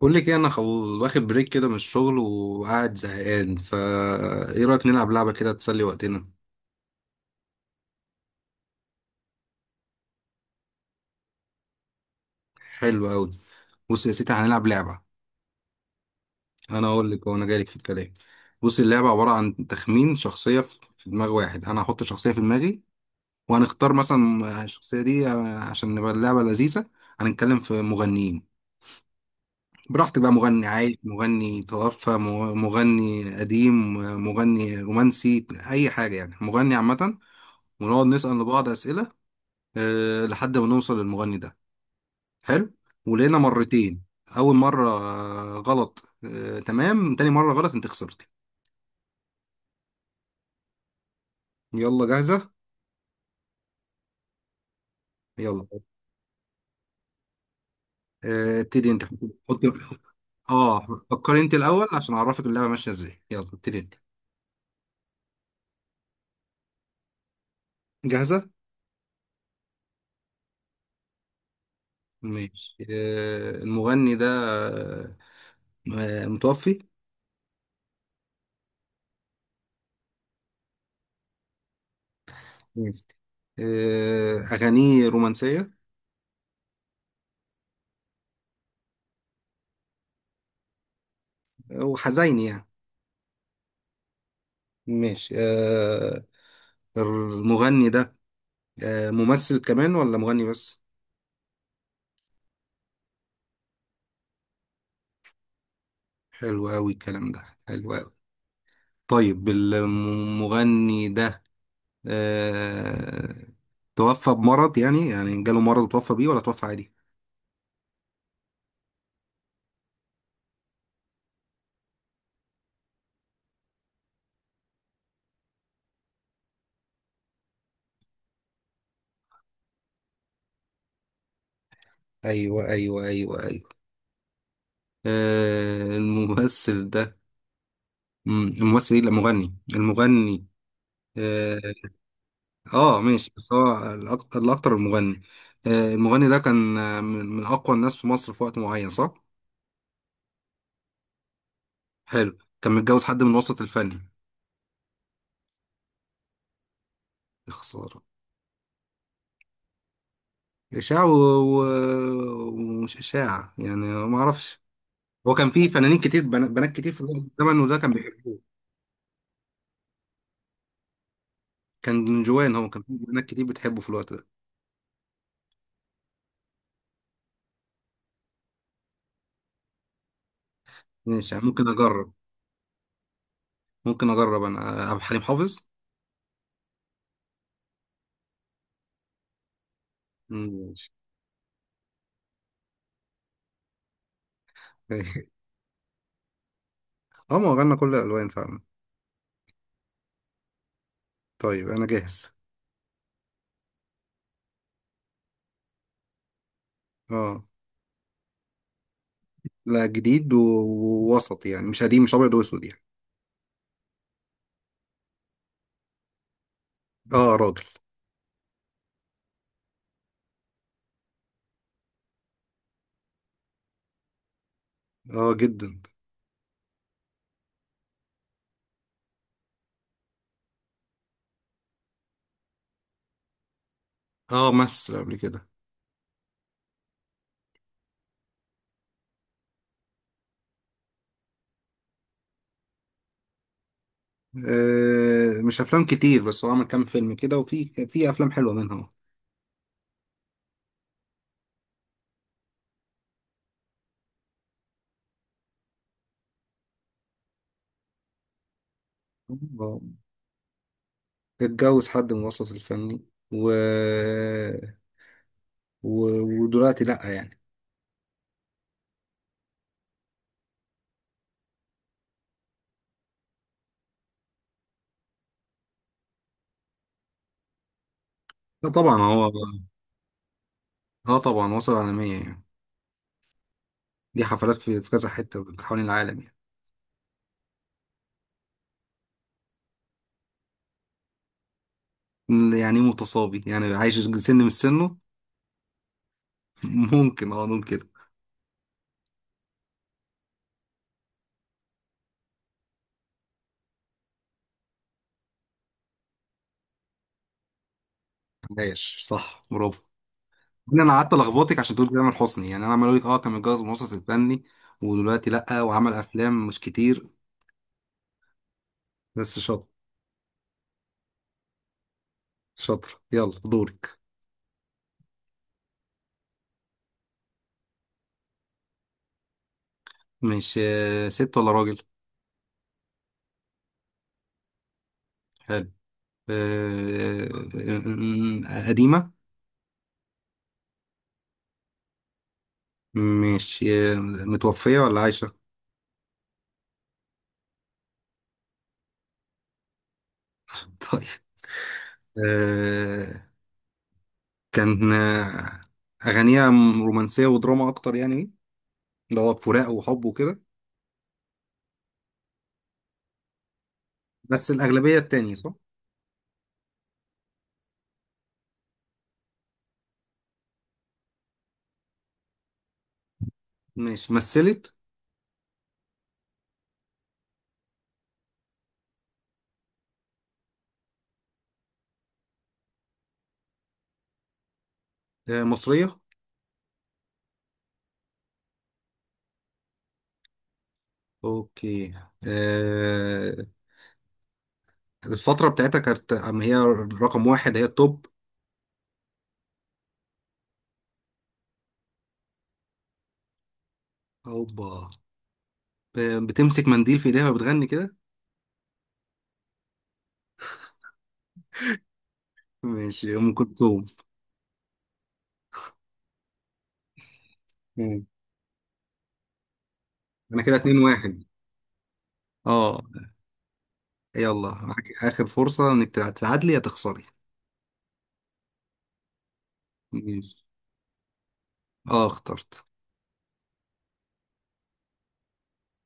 بقول لك ايه، انا واخد بريك كده من الشغل وقاعد زهقان فا. ايه رايك نلعب لعبه كده تسلي وقتنا؟ حلو قوي. بص يا سيدي هنلعب لعبه. انا اقول لك وانا جايلك في الكلام. بص اللعبه عباره عن تخمين شخصيه في دماغ واحد. انا هحط شخصيه في دماغي، وهنختار مثلا الشخصيه دي، عشان نبقى اللعبه لذيذه. هنتكلم في مغنيين. براحتك بقى، مغني عايش، مغني توفى، مغني قديم، مغني رومانسي، اي حاجه يعني، مغني عامه. ونقعد نسأل لبعض أسئلة، لحد ما نوصل للمغني ده. حلو. ولقينا مرتين، اول مره غلط، تمام، تاني مره غلط انت خسرتي. يلا، جاهزه؟ يلا. ابتدي انت، حطي. اه. فكري انت الاول عشان اعرفك اللعبه ماشيه ازاي، يلا ابتدي انت. جاهزه؟ ماشي. المغني ده آه، متوفي. ماشي. اغانيه رومانسيه وحزين يعني. ماشي المغني ده، ممثل كمان ولا مغني بس؟ حلو قوي الكلام ده، حلو قوي. طيب المغني ده، آه، توفى بمرض يعني جاله مرض وتوفى بيه، ولا توفى عادي؟ ايوه ايوه ايوه ايوه. الممثل ده، الممثل، ايه، لا مغني، المغني. اه. ماشي، بس هو الاكتر المغني. المغني ده كان من اقوى الناس في مصر في وقت معين، صح؟ حلو. كان متجوز حد من الوسط الفني؟ يا خسارة. إشاع ومش إشاع يعني. ما أعرفش. هو كان في فنانين كتير، بنات كتير في الزمن وده كان بيحبوه. كان جوان، هو كان في بنات كتير بتحبه في الوقت ده. ماشي يعني، ممكن أجرب. ممكن أجرب، أنا عبد الحليم حافظ. ماشي. أه، ما هو غنى كل الألوان فعلا. طيب أنا جاهز. أه. لا، جديد ووسط يعني، مش قديم، مش أبيض وأسود يعني. أه راجل. أه جدا. أه مثل قبل كده. مش افلام كتير، بس هو عمل كام فيلم كده، وفي افلام حلوه منها. آه. اتجوز حد من الوسط الفني و... و... ودلوقتي لأ يعني. لا طبعا هو. اه طبعا وصل عالمية يعني. دي حفلات في كذا حتة حوالين العالم. يعني إيه متصابي؟ يعني عايش سن من سنه. ممكن، اه، نقول كده. عايش، صح، برافو. إن انا قعدت الخبطك عشان تقول تامر حسني يعني، انا عمال اقول لك، كان متجوز من الوسط الفني ودلوقتي لأ، وعمل افلام مش كتير، بس شاطر. شاطر، يلا دورك. مش ست ولا راجل؟ حلو. آه، قديمة؟ مش متوفية ولا عايشة؟ طيب. آه، كان أغانيها رومانسية ودراما أكتر يعني، اللي هو فراق وحب وكده؟ بس الأغلبية التانية، صح؟ ماشي. مثلت؟ مصرية؟ أوكي. آه، الفترة بتاعتها كانت أما هي رقم واحد، هي التوب؟ أوبا. بتمسك منديل في إيديها وبتغني كده؟ ماشي، أم كلثوم. مم. أنا كده 2-1. اه. يلا معاك آخر فرصة إنك تتعادلي يا تخسري. ماشي. آه اخترت.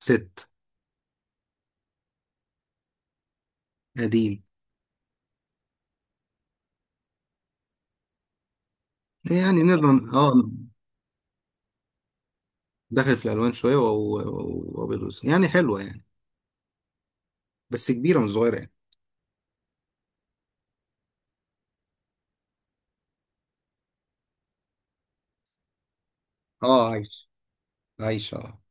ست. قديم. يعني نقدر، آه. داخل في الألوان شوية وأبيض وأسود يعني، حلوة يعني، بس كبيرة مش صغيرة يعني. آه عايش. عايش، آه.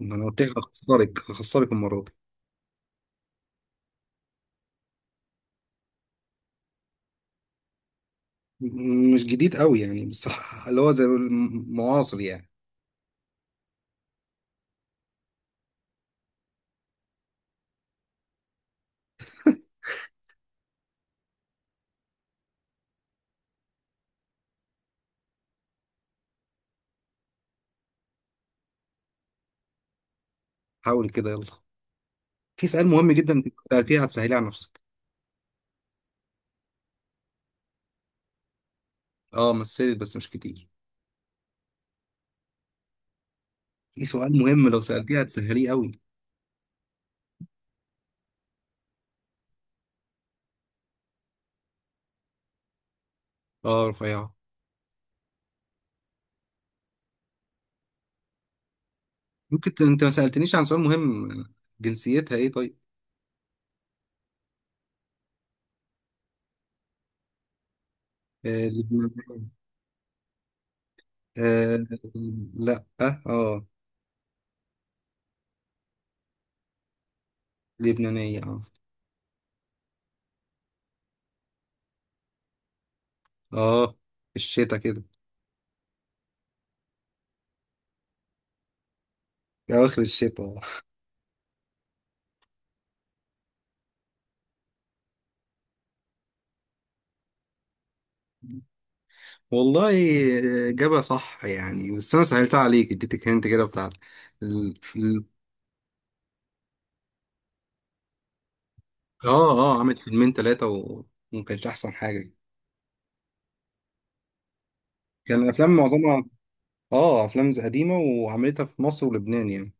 ما أنا قلت لك هخسرك المرة دي. مش جديد قوي يعني، بس اللي هو زي معاصر يعني. حاول كده، يلا. في سؤال مهم جدا، إنت لو سألتيه هتسهليه على نفسك. آه مثلت بس مش كتير. في سؤال مهم لو سألتيه هتسهليه قوي. آه رفيعة. ممكن انت ما سألتنيش عن سؤال مهم، جنسيتها ايه طيب؟ آه لبنانية. آه. لا. اه. لبنانية، اه. اه، الشتا كده، اواخر الشتا، آه. والله، جابها صح يعني، بس انا سهلتها عليك، اديتك هنت كده بتاع ال... في ال... اه. اه، عملت فيلمين ثلاثة وما كانش احسن حاجة. كان الافلام معظمها، اه، افلام زي قديمة، وعملتها في مصر ولبنان يعني.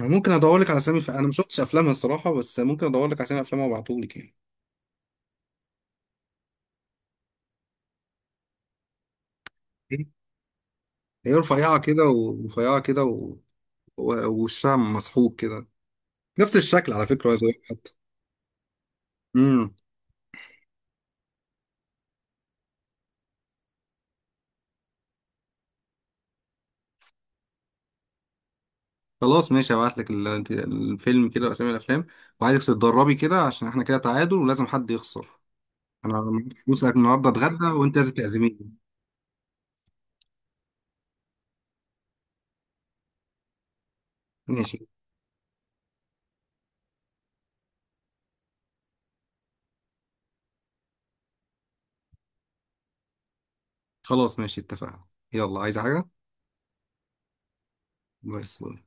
أنا ممكن ادور لك على اسامي، انا ما شفتش افلامها الصراحة، بس ممكن ادور لك على اسامي افلامها وابعتهولك يعني. هي رفيعة كده ورفيعة كده، ووشها مسحوق كده. نفس الشكل على فكرة يا زويل حتى. امم. خلاص ماشي، هبعت لك الفيلم كده واسامي الافلام. وعايزك تتدربي كده عشان احنا كده تعادل ولازم حد يخسر. انا معيش فلوسك، النهارده اتغدى وانت لازم تعزميني. ماشي. خلاص ماشي اتفقنا. يلا، عايز حاجة؟ باي باي.